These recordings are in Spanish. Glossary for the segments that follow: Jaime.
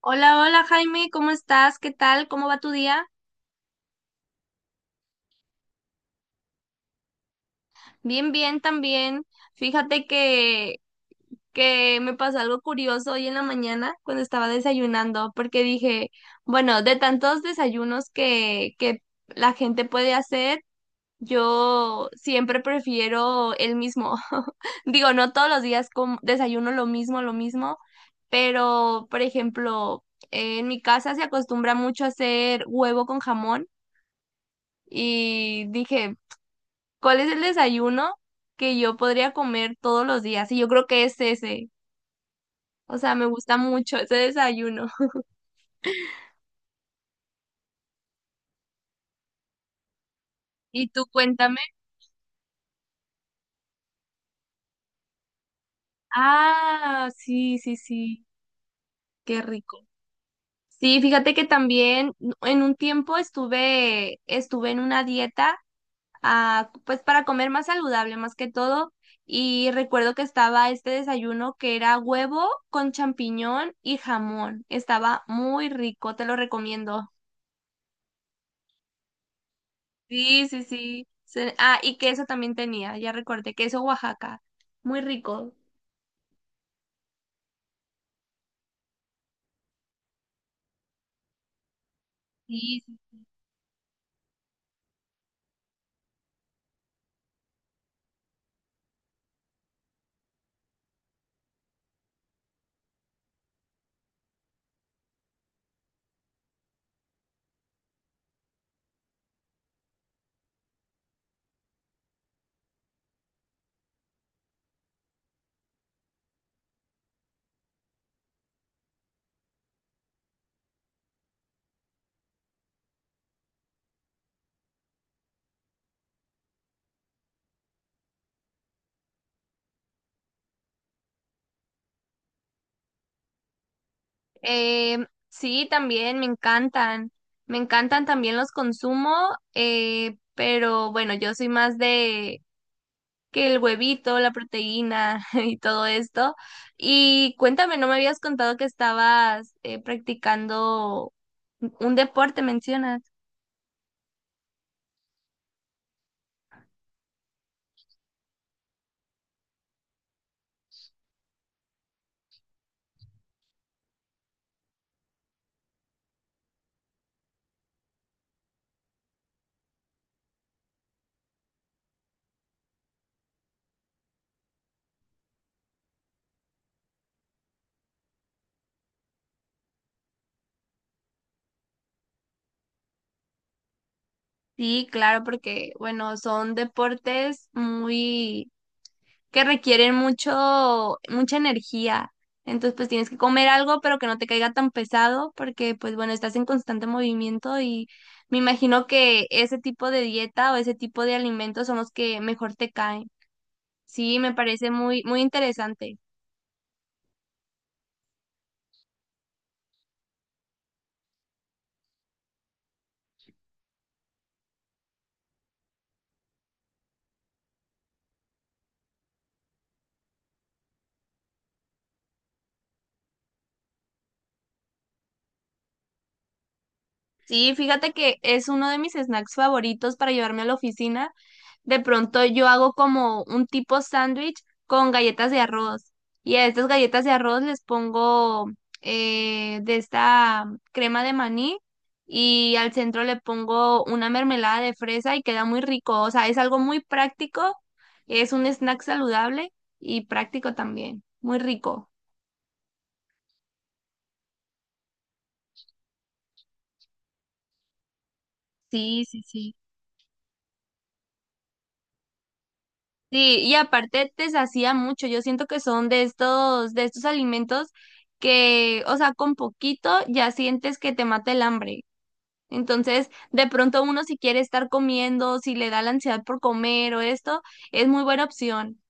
Hola, hola Jaime, ¿cómo estás? ¿Qué tal? ¿Cómo va tu día? Bien, bien también. Fíjate que me pasó algo curioso hoy en la mañana cuando estaba desayunando, porque dije, bueno, de tantos desayunos que la gente puede hacer, yo siempre prefiero el mismo. Digo, no todos los días desayuno lo mismo, pero, por ejemplo, en mi casa se acostumbra mucho a hacer huevo con jamón. Y dije, ¿cuál es el desayuno que yo podría comer todos los días? Y yo creo que es ese. O sea, me gusta mucho ese desayuno. Y tú cuéntame. Ah, sí, sí, sí. Qué rico. Sí, fíjate que también en un tiempo estuve en una dieta, ah, pues para comer más saludable, más que todo. Y recuerdo que estaba este desayuno que era huevo con champiñón y jamón. Estaba muy rico, te lo recomiendo. Sí, sí, sí. Ah, y queso también tenía, ya recordé, queso Oaxaca. Muy rico. Sí, sí. Sí, también me encantan. Me encantan también, los consumo, pero bueno, yo soy más de que el huevito, la proteína y todo esto. Y cuéntame, no me habías contado que estabas practicando un deporte, mencionas. Sí, claro, porque bueno, son deportes muy que requieren mucho, mucha energía. Entonces, pues tienes que comer algo, pero que no te caiga tan pesado, porque, pues bueno, estás en constante movimiento y me imagino que ese tipo de dieta o ese tipo de alimentos son los que mejor te caen. Sí, me parece muy, muy interesante. Sí, fíjate que es uno de mis snacks favoritos para llevarme a la oficina, de pronto yo hago como un tipo sándwich con galletas de arroz. Y a estas galletas de arroz les pongo de esta crema de maní y al centro le pongo una mermelada de fresa y queda muy rico. O sea, es algo muy práctico, es un snack saludable y práctico también, muy rico. Sí, sí, sí. Sí, y aparte te sacia mucho. Yo siento que son de estos alimentos que, o sea, con poquito ya sientes que te mata el hambre. Entonces, de pronto uno si quiere estar comiendo, si le da la ansiedad por comer o esto, es muy buena opción.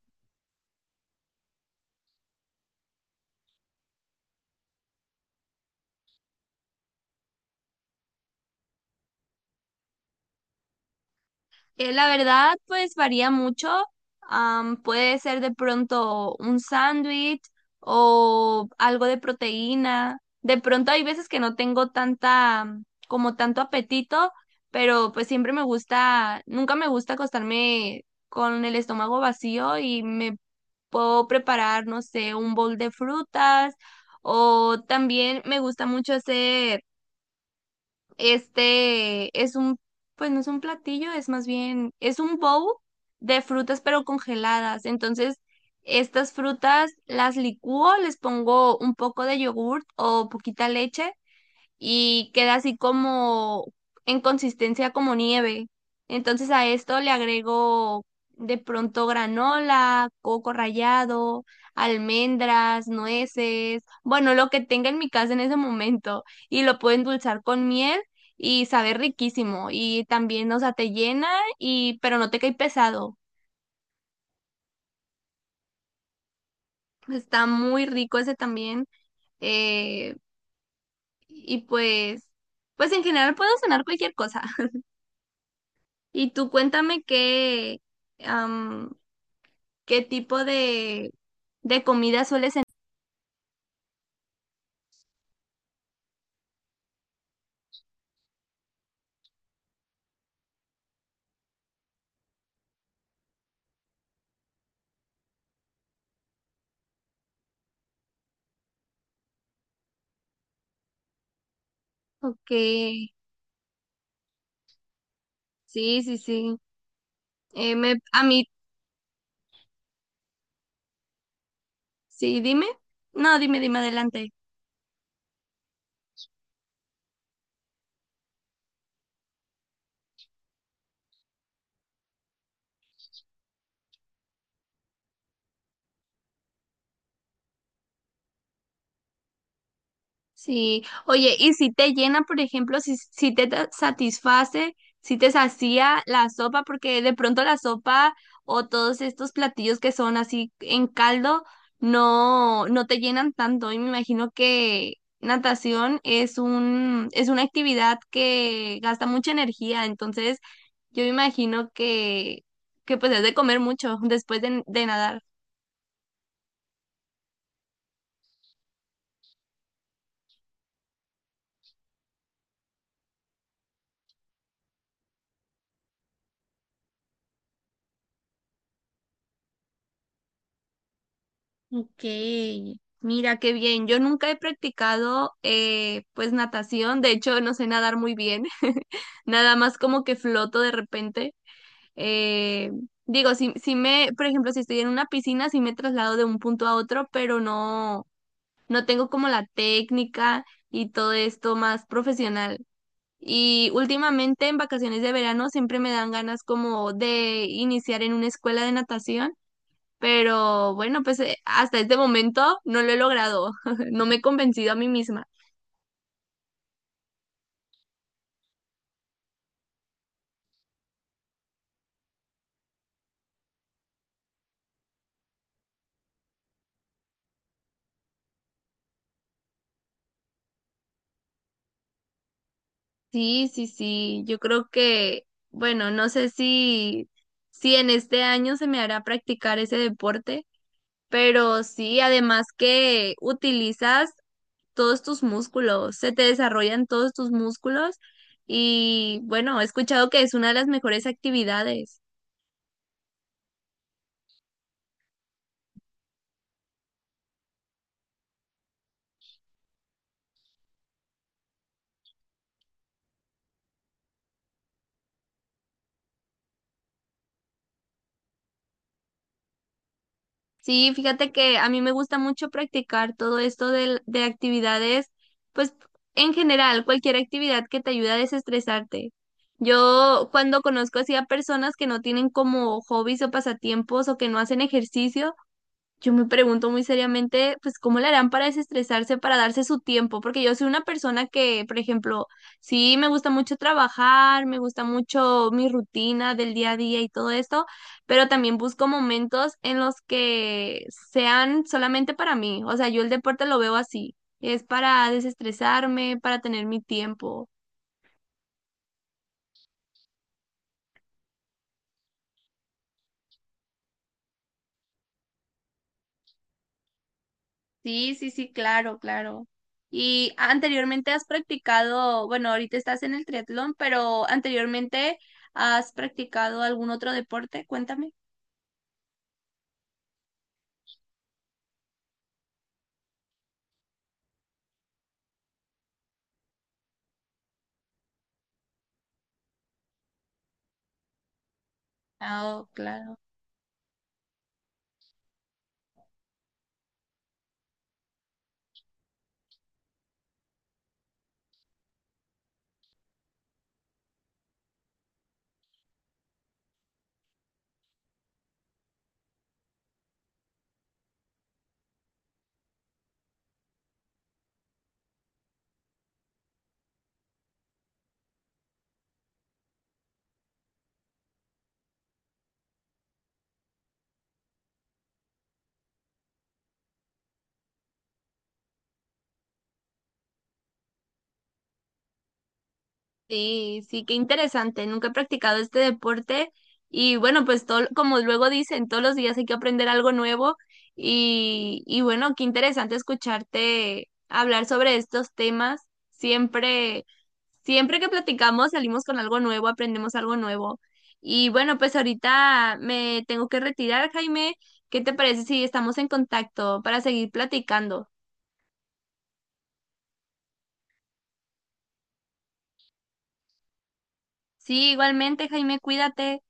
La verdad, pues varía mucho. Puede ser de pronto un sándwich o algo de proteína. De pronto hay veces que no tengo tanta, como tanto apetito, pero pues siempre me gusta, nunca me gusta acostarme con el estómago vacío y me puedo preparar, no sé, un bol de frutas o también me gusta mucho hacer, este es un, pues no es un platillo, es más bien, es un bowl de frutas pero congeladas. Entonces, estas frutas las licúo, les pongo un poco de yogurt o poquita leche y queda así como en consistencia como nieve. Entonces a esto le agrego de pronto granola, coco rallado, almendras, nueces, bueno, lo que tenga en mi casa en ese momento y lo puedo endulzar con miel y sabe riquísimo y también, o sea, te llena y pero no te cae pesado. Está muy rico ese también. eh, y pues, pues en general puedo cenar cualquier cosa. Y tú cuéntame qué, am, qué tipo de comida sueles en... Ok, sí, sí, sí. Me, a mí, sí, dime. No, dime adelante. Sí, oye, y si te llena, por ejemplo, si, si te satisface, si te sacía la sopa, porque de pronto la sopa o todos estos platillos que son así en caldo no, no te llenan tanto. Y me imagino que natación es un, es una actividad que gasta mucha energía, entonces yo me imagino que pues es de comer mucho después de nadar. Ok, mira qué bien. Yo nunca he practicado pues natación, de hecho no sé nadar muy bien, nada más como que floto de repente. Eh, Digo, si, si me, por ejemplo, si estoy en una piscina, si me traslado de un punto a otro, pero no, no tengo como la técnica y todo esto más profesional. Y últimamente en vacaciones de verano siempre me dan ganas como de iniciar en una escuela de natación, pero bueno, pues hasta este momento no lo he logrado, no me he convencido a mí misma. Sí, sí, sí, yo creo que, bueno, no sé si, si en este año se me hará practicar ese deporte, pero sí, además que utilizas todos tus músculos, se te desarrollan todos tus músculos y bueno, he escuchado que es una de las mejores actividades. Sí, fíjate que a mí me gusta mucho practicar todo esto de actividades, pues en general, cualquier actividad que te ayude a desestresarte. Yo cuando conozco así a personas que no tienen como hobbies o pasatiempos o que no hacen ejercicio, yo me pregunto muy seriamente, pues, ¿cómo le harán para desestresarse, para darse su tiempo? Porque yo soy una persona que, por ejemplo, sí me gusta mucho trabajar, me gusta mucho mi rutina del día a día y todo esto, pero también busco momentos en los que sean solamente para mí. O sea, yo el deporte lo veo así, es para desestresarme, para tener mi tiempo. Sí, sí, sí, claro, claro. Y anteriormente has practicado, bueno, ahorita estás en el triatlón, pero anteriormente has practicado algún otro deporte, cuéntame. Ah, oh, claro. Sí, sí, qué interesante. Nunca he practicado este deporte y bueno, pues todo, como luego dicen, todos los días hay que aprender algo nuevo y bueno, qué interesante escucharte hablar sobre estos temas. Siempre, siempre que platicamos salimos con algo nuevo, aprendemos algo nuevo. Y bueno, pues ahorita me tengo que retirar, Jaime. ¿Qué te parece si estamos en contacto para seguir platicando? Sí, igualmente, Jaime, cuídate.